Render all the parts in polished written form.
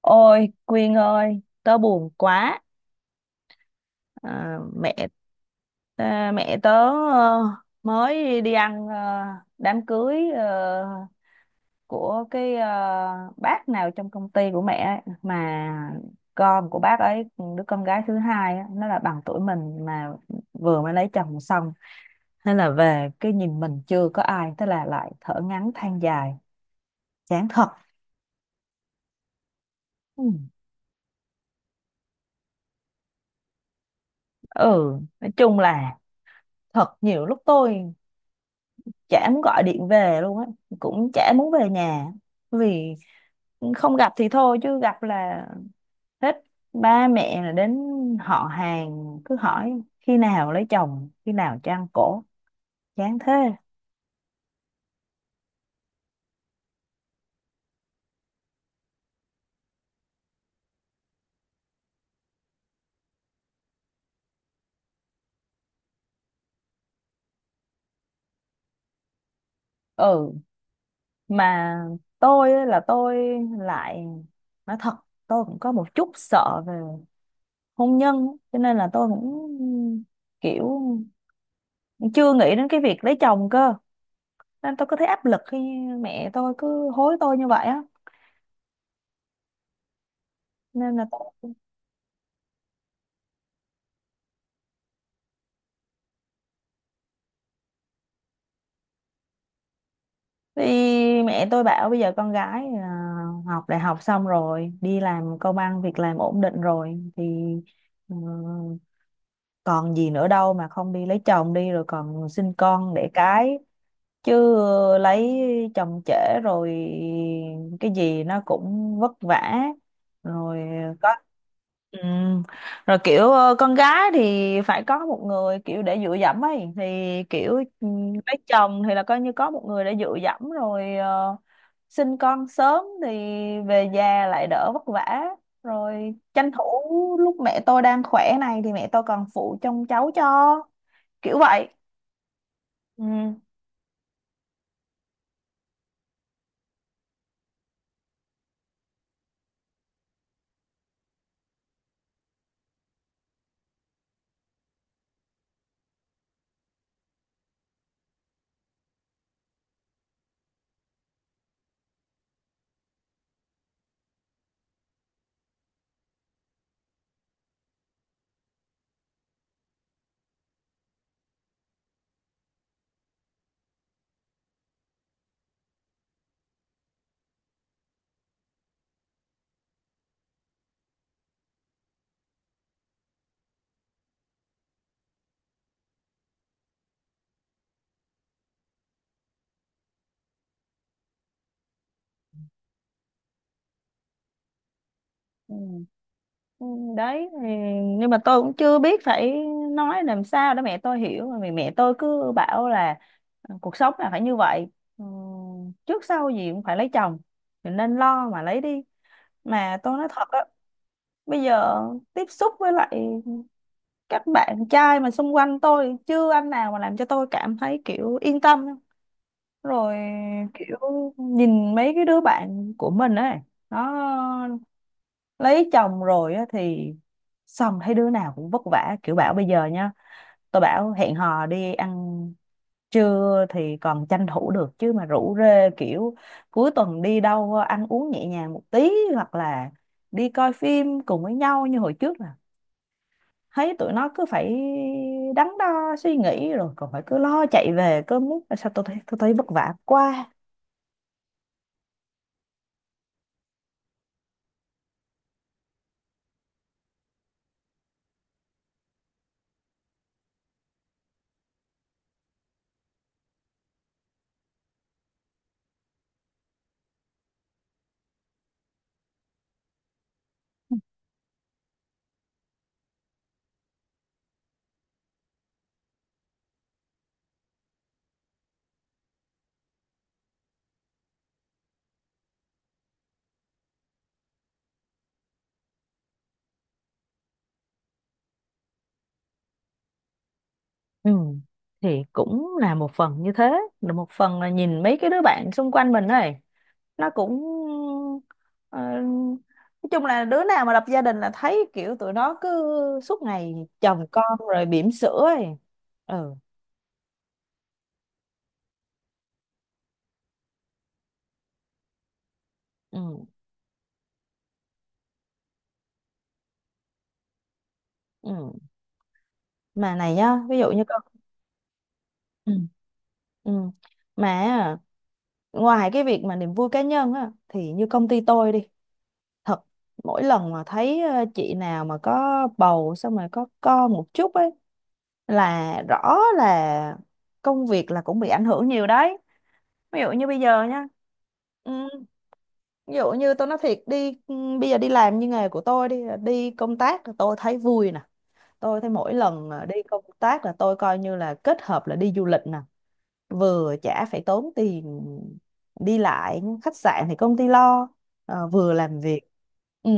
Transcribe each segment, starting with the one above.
Ôi Quyên ơi, tớ buồn quá. À, mẹ mẹ tớ ờ, mới đi ăn đám cưới của cái bác nào trong công ty của mẹ ấy, mà con của bác ấy, đứa con gái thứ hai á, nó là bằng tuổi mình, mà vừa mới lấy chồng xong, nên là về cái nhìn mình chưa có ai, thế là lại thở ngắn than dài. Chán thật. Ừ, ừ, nói chung là thật nhiều lúc tôi chả muốn gọi điện về luôn á, cũng chả muốn về nhà, vì không gặp thì thôi chứ gặp là hết, ba mẹ là đến họ hàng cứ hỏi khi nào lấy chồng, khi nào cho ăn cổ. Chán thế. Ừ, mà tôi á, là tôi lại nói thật, tôi cũng có một chút sợ về hôn nhân á, cho nên là tôi cũng kiểu chưa nghĩ đến cái việc lấy chồng cơ, nên tôi có thấy áp lực khi mẹ tôi cứ hối tôi như vậy á, nên là tôi. Thì mẹ tôi bảo bây giờ con gái là học đại học xong rồi đi làm, công ăn việc làm ổn định rồi thì ừ, còn gì nữa đâu mà không đi lấy chồng đi rồi còn sinh con đẻ cái, chứ lấy chồng trễ rồi cái gì nó cũng vất vả, rồi có. Ừ. Rồi kiểu con gái thì phải có một người kiểu để dựa dẫm ấy, thì kiểu ừ, lấy chồng thì là coi như có một người để dựa dẫm rồi, sinh con sớm thì về già lại đỡ vất vả, rồi tranh thủ lúc mẹ tôi đang khỏe này thì mẹ tôi còn phụ trông cháu cho, kiểu vậy. Ừ. Ừ. Ừ, đấy thì, nhưng mà tôi cũng chưa biết phải nói làm sao để mẹ tôi hiểu mà, vì mẹ tôi cứ bảo là cuộc sống là phải như vậy, ừ, trước sau gì cũng phải lấy chồng, mình nên lo mà lấy đi. Mà tôi nói thật á, bây giờ tiếp xúc với lại các bạn trai mà xung quanh tôi, chưa anh nào mà làm cho tôi cảm thấy kiểu yên tâm, rồi kiểu nhìn mấy cái đứa bạn của mình ấy, nó lấy chồng rồi á thì, xong thấy đứa nào cũng vất vả, kiểu bảo bây giờ nha, tôi bảo hẹn hò đi ăn trưa thì còn tranh thủ được, chứ mà rủ rê kiểu cuối tuần đi đâu ăn uống nhẹ nhàng một tí, hoặc là đi coi phim cùng với nhau như hồi trước, là thấy tụi nó cứ phải đắn đo suy nghĩ, rồi còn phải cứ lo chạy về, cứ muốn sao, tôi thấy vất vả quá. Ừ. Thì cũng là một phần như thế, là một phần là nhìn mấy cái đứa bạn xung quanh mình này, nó cũng ờ, nói chung là đứa nào mà lập gia đình là thấy kiểu tụi nó cứ suốt ngày chồng con rồi bỉm sữa ấy. Ừ, ừ, ừ. Mà này nhá, ví dụ như con. Ừ. Ừ. Mà á, ngoài cái việc mà niềm vui cá nhân á thì như công ty tôi đi thật, mỗi lần mà thấy chị nào mà có bầu xong rồi có con một chút ấy, là rõ là công việc là cũng bị ảnh hưởng nhiều đấy, ví dụ như bây giờ nha. Ừ, ví dụ như tôi nói thiệt đi, ừ, bây giờ đi làm như nghề của tôi đi, đi công tác tôi thấy vui nè, tôi thấy mỗi lần đi công tác là tôi coi như là kết hợp là đi du lịch nè, vừa chả phải tốn tiền đi lại, khách sạn thì công ty lo, vừa làm việc. Ừ.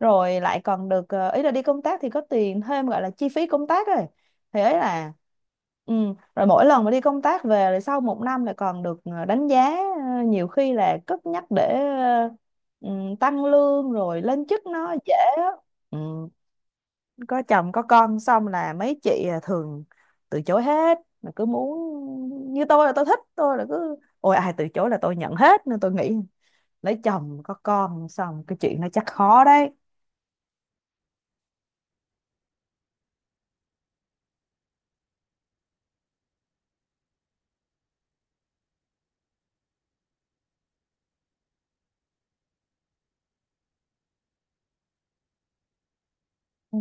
Rồi lại còn được ý là đi công tác thì có tiền thêm gọi là chi phí công tác rồi, thì ấy là. Ừ. Rồi mỗi lần mà đi công tác về rồi sau một năm lại còn được đánh giá, nhiều khi là cất nhắc để ờ, ừ, tăng lương rồi lên chức nó dễ á. Ừ, có chồng có con xong là mấy chị thường từ chối hết, mà cứ muốn như tôi là tôi thích tôi là cứ, ôi ai từ chối là tôi nhận hết, nên tôi nghĩ lấy chồng có con xong cái chuyện nó chắc khó đấy. Ừ.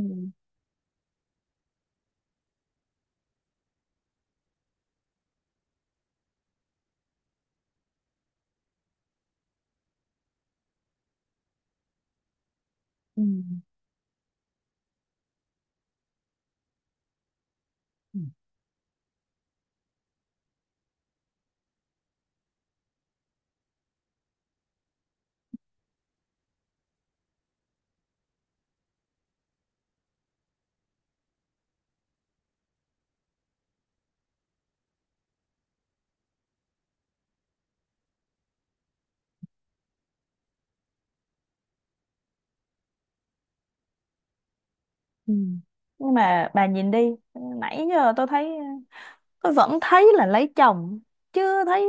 Ừ. Ừ. Ừ. Nhưng mà bà nhìn đi, nãy giờ tôi thấy, tôi vẫn thấy là lấy chồng chưa thấy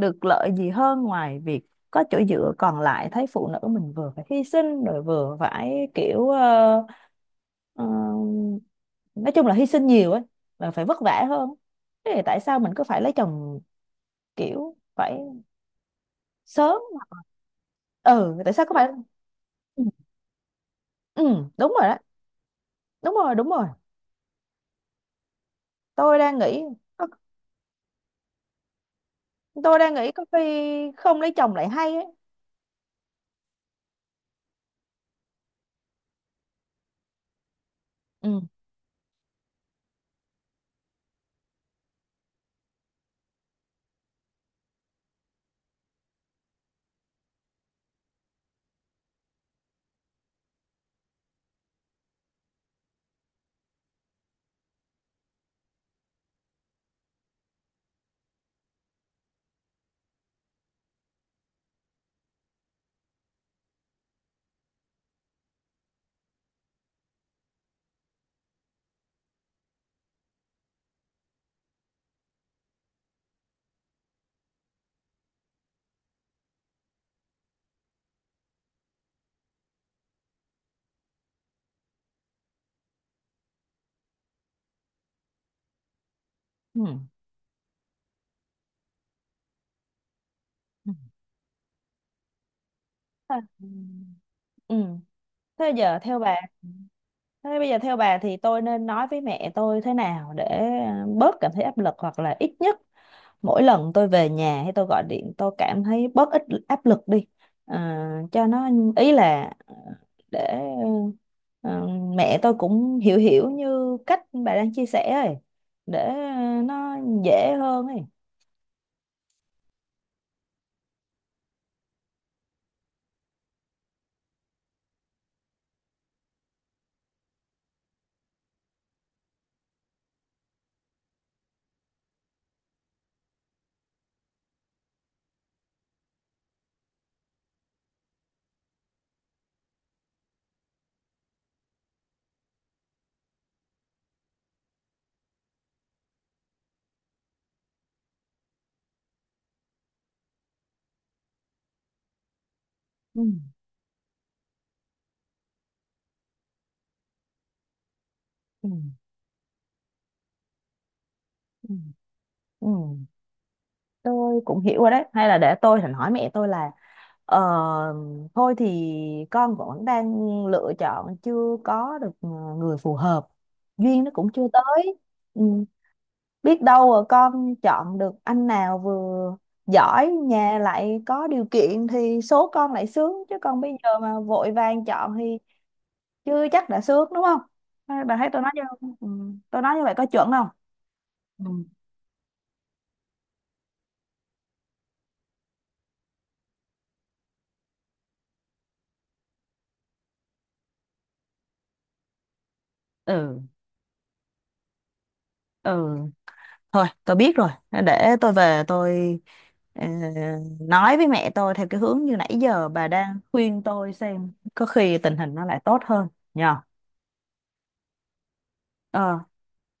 được lợi gì hơn ngoài việc có chỗ dựa, còn lại thấy phụ nữ mình vừa phải hy sinh, rồi vừa phải kiểu Ờ, nói chung là hy sinh nhiều ấy, và phải vất vả hơn, thế thì tại sao mình cứ phải lấy chồng kiểu phải sớm. Ừ, tại sao cứ phải. Ừ. Ừ, đúng rồi đó, đúng rồi, đúng rồi, tôi đang nghĩ có- tôi đang nghĩ có khi không lấy chồng lại hay ấy. Ừ. Ừ. Ừ. À, ừ. thế giờ theo bà thế bây giờ theo bà thì tôi nên nói với mẹ tôi thế nào để bớt cảm thấy áp lực, hoặc là ít nhất mỗi lần tôi về nhà hay tôi gọi điện tôi cảm thấy bớt ít áp lực đi, cho nó ý là để ờ, mẹ tôi cũng hiểu hiểu như cách bà đang chia sẻ ấy, để nó dễ hơn ấy. Ừ, ừ, ừ, ừ. Tôi cũng hiểu rồi đấy, hay là để tôi thành hỏi mẹ tôi là ờ, thôi thì con vẫn đang lựa chọn, chưa có được người phù hợp, duyên nó cũng chưa tới. Ừ. Biết đâu rồi con chọn được anh nào vừa giỏi, nhà lại có điều kiện thì số con lại sướng, chứ còn bây giờ mà vội vàng chọn thì chưa chắc đã sướng, đúng không? Hay bà thấy tôi nói như, ừ, tôi nói như vậy có chuẩn không? Ừ. Ừ. Ừ. Thôi tôi biết rồi, để tôi về tôi ờ, nói với mẹ tôi theo cái hướng như nãy giờ bà đang khuyên tôi, xem có khi tình hình nó lại tốt hơn nhờ. Ờ.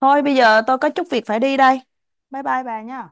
Thôi bây giờ tôi có chút việc phải đi đây. Bye bye bà nha.